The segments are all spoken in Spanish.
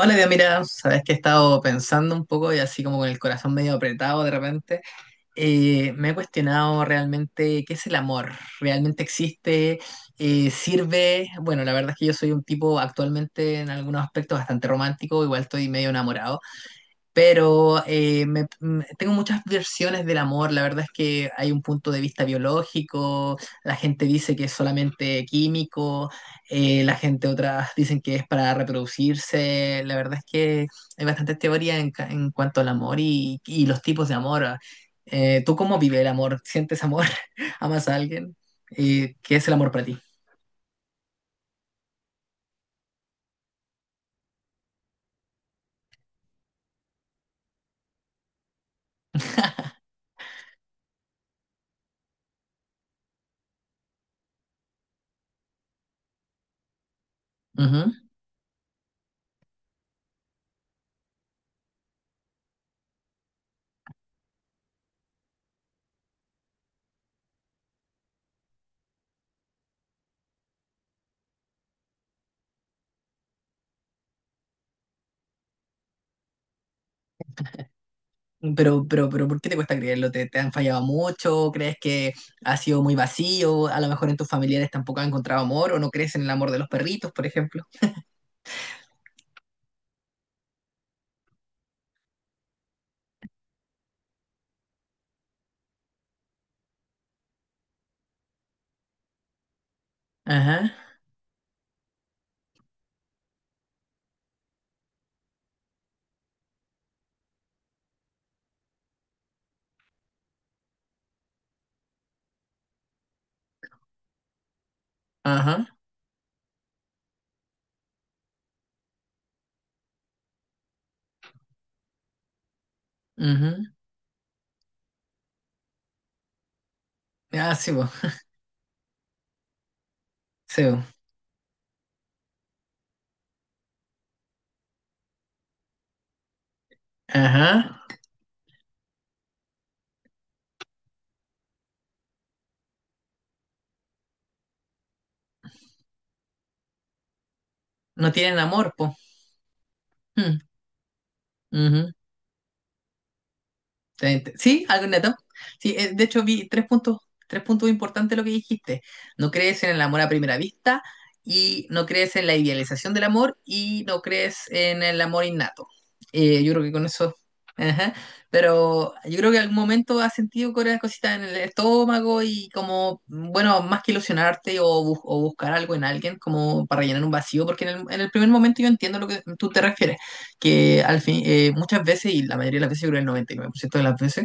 Hola, Dios, mira, sabes que he estado pensando un poco y así como con el corazón medio apretado de repente. Me he cuestionado realmente qué es el amor, realmente existe, sirve. Bueno, la verdad es que yo soy un tipo actualmente en algunos aspectos bastante romántico, igual estoy medio enamorado. Pero tengo muchas versiones del amor. La verdad es que hay un punto de vista biológico, la gente dice que es solamente químico. La gente otras dicen que es para reproducirse. La verdad es que hay bastantes teorías en cuanto al amor y los tipos de amor. Ah. ¿Tú cómo vives el amor? ¿Sientes amor? ¿Amas a alguien? ¿Qué es el amor para ti? Pero, ¿por qué te cuesta creerlo? ¿Te han fallado mucho? ¿Crees que ha sido muy vacío? A lo mejor en tus familiares tampoco has encontrado amor o no crees en el amor de los perritos, por ejemplo. Ajá, ajá, ujú. Ah, sí, po, sí, po. Ajá. No tienen amor, po. Mm, ujú. Sí, algo neto. Sí. De hecho vi tres puntos importantes de lo que dijiste. No crees en el amor a primera vista y no crees en la idealización del amor y no crees en el amor innato. Yo creo que con eso. Ajá. Pero yo creo que en algún momento has sentido cosas cositas en el estómago y como, bueno, más que ilusionarte o buscar algo en alguien como para llenar un vacío, porque en el primer momento yo entiendo lo que tú te refieres que al fin, muchas veces, y la mayoría de las veces, yo creo el 99% de las veces,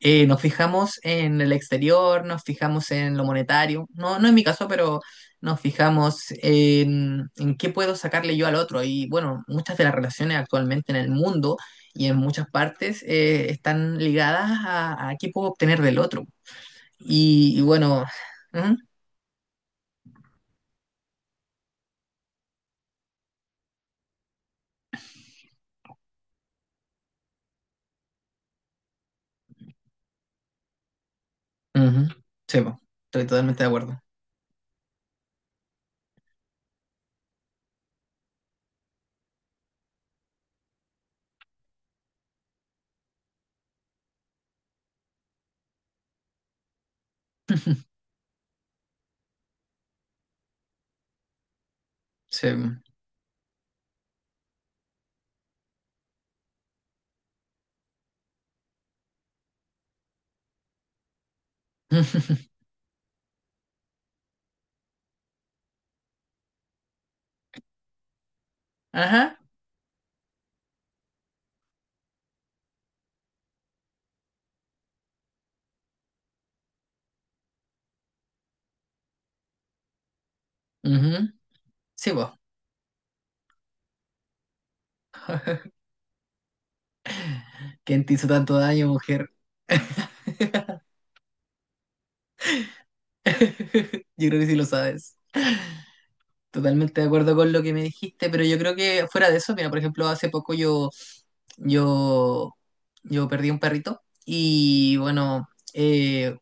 nos fijamos en el exterior, nos fijamos en lo monetario, no, no en mi caso, pero nos fijamos en qué puedo sacarle yo al otro. Y bueno, muchas de las relaciones actualmente en el mundo y en muchas partes están ligadas a qué puedo obtener del otro. Y bueno, ujú, ujú, sí, po, estoy totalmente de acuerdo. Sí. Ajá. Ujú, sí, po. ¿Quién te hizo tanto daño, mujer? Yo creo que sí lo sabes. Totalmente de acuerdo con lo que me dijiste, pero yo creo que fuera de eso, mira, por ejemplo, hace poco yo, yo perdí un perrito y bueno, eh,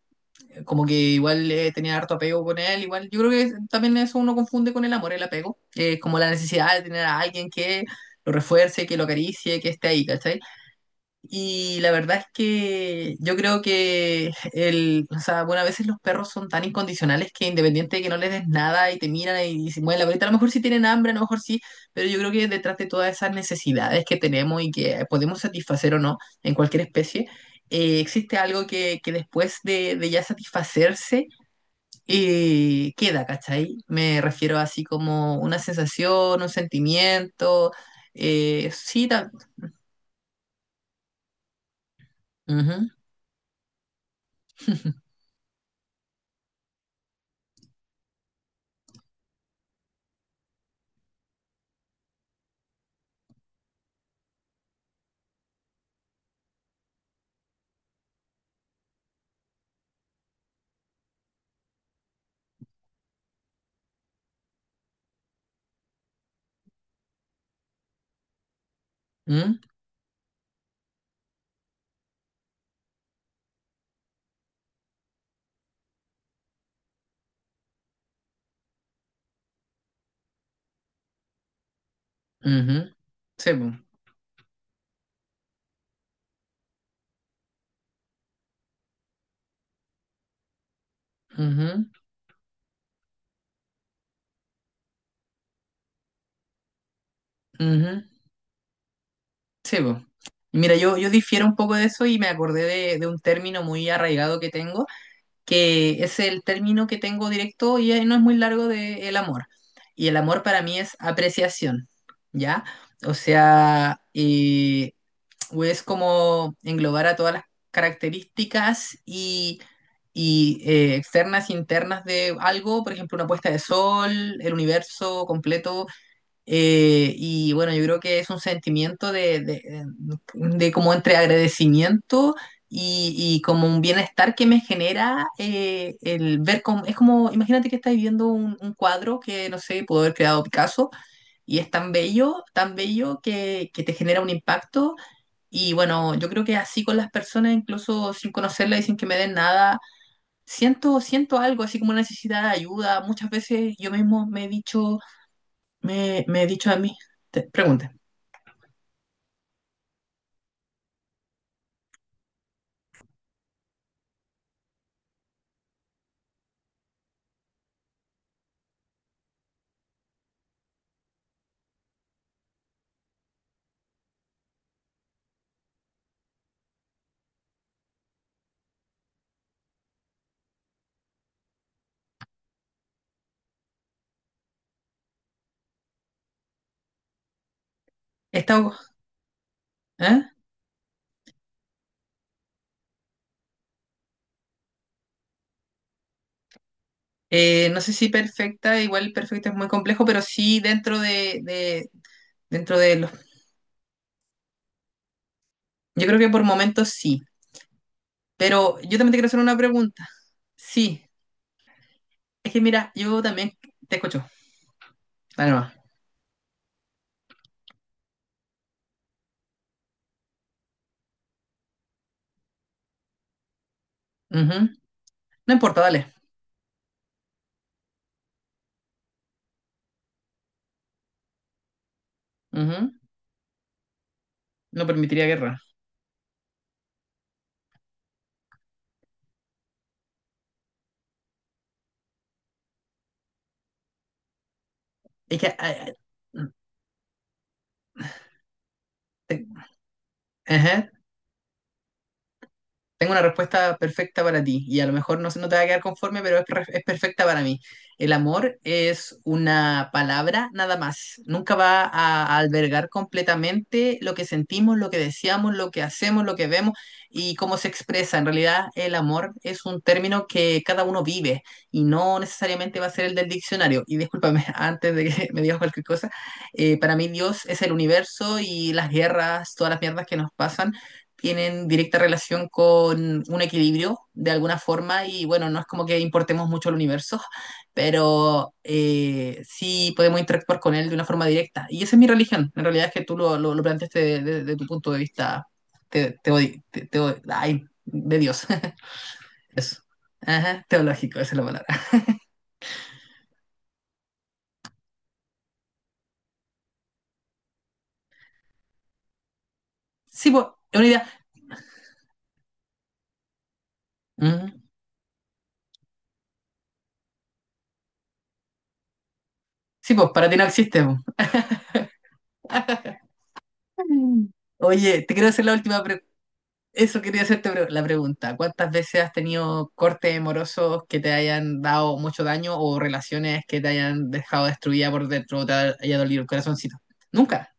como que igual tenía harto apego con él, igual yo creo que también eso uno confunde con el amor, el apego, como la necesidad de tener a alguien que lo refuerce, que lo acaricie, que esté ahí, ¿cachai? Y la verdad es que yo creo que o sea, bueno, a veces los perros son tan incondicionales que independiente de que no les des nada y te miran y se mueven la bolita, a lo mejor sí tienen hambre, a lo mejor sí, pero yo creo que detrás de todas esas necesidades que tenemos y que podemos satisfacer o no en cualquier especie, existe algo que después de ya satisfacerse queda, ¿cachai? Me refiero así como una sensación, un sentimiento. Sí, tal. Ujú, mm, ujú. Sí, po. Ujú, ujú. Sí, po. Mira, yo difiero un poco de eso y me acordé de un término muy arraigado que tengo, que es el término que tengo directo y no es muy largo de el amor. Y el amor para mí es apreciación, ¿ya? O sea, o es como englobar a todas las características externas, internas de algo, por ejemplo, una puesta de sol, el universo completo. Y bueno, yo creo que es un sentimiento de, de como entre agradecimiento y como un bienestar que me genera el ver es como, imagínate que estás viendo un cuadro que, no sé, pudo haber creado Picasso y es tan bello que te genera un impacto y bueno, yo creo que así con las personas, incluso sin conocerlas y sin que me den nada, siento algo, así como una necesidad de ayuda. Muchas veces yo mismo me he dicho a mí, pregunta, he estado, ¿eh? No sé si perfecta, igual perfecta es muy complejo, pero sí dentro dentro de los, yo creo que por momentos sí, pero yo también te quiero hacer una pregunta, sí, es que mira, yo también te escucho, dale nomás. Ujú. No importa, dale. Ujú. No permitiría guerra, es que, ah, te- ajá. Tengo una respuesta perfecta para ti y a lo mejor no te va a quedar conforme, pero es perfecta para mí. El amor es una palabra nada más. Nunca va a albergar completamente lo que sentimos, lo que deseamos, lo que hacemos, lo que vemos y cómo se expresa. En realidad, el amor es un término que cada uno vive y no necesariamente va a ser el del diccionario. Y discúlpame, antes de que me digas cualquier cosa, para mí Dios es el universo y las guerras, todas las mierdas que nos pasan tienen directa relación con un equilibrio de alguna forma y bueno, no es como que importemos mucho el universo, pero sí podemos interactuar con él de una forma directa. Y esa es mi religión, en realidad es que tú lo planteaste desde de tu punto de vista te, te, te- te ay, de Dios, eso. Ajá, teológico, esa es la palabra. Sí, pues, es una idea. Mm. Sí, pues, para ti no existe, po. Oye, te quiero hacer la última pregunta. Eso quería hacerte la pregunta. ¿Cuántas veces has tenido cortes amorosos que te hayan dado mucho daño o relaciones que te hayan dejado destruida por dentro, te haya dolido el corazoncito? Nunca.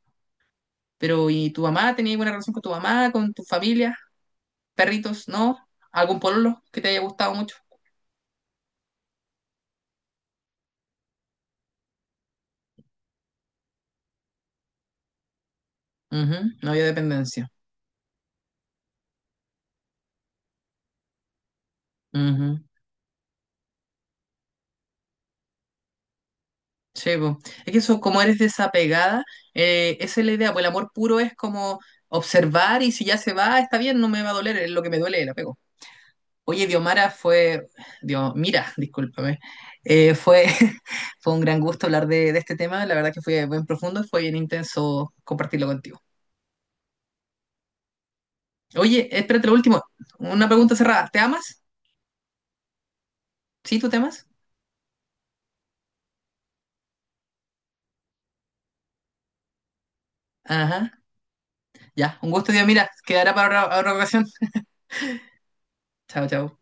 Pero ¿y tu mamá? ¿Tenías alguna relación con tu mamá, con tu familia? ¿Perritos? ¿No? ¿Algún pololo que te haya gustado mucho? Ujú. No había dependencia. Ujú, sí, po. Es que eso, como eres desapegada, esa es la idea. Pues el amor puro es como observar y si ya se va, está bien, no me va a doler, es lo que me duele el apego. Oye, Diomara, Dios, mira, discúlpame. Fue, fue un gran gusto hablar de este tema, la verdad que fue bien profundo y fue bien intenso compartirlo contigo. Oye, espérate lo último, una pregunta cerrada, ¿te amas? ¿Sí, tú te amas? Ajá, ya, un gusto, Diomira, quedará para otra ocasión. Chao, chao.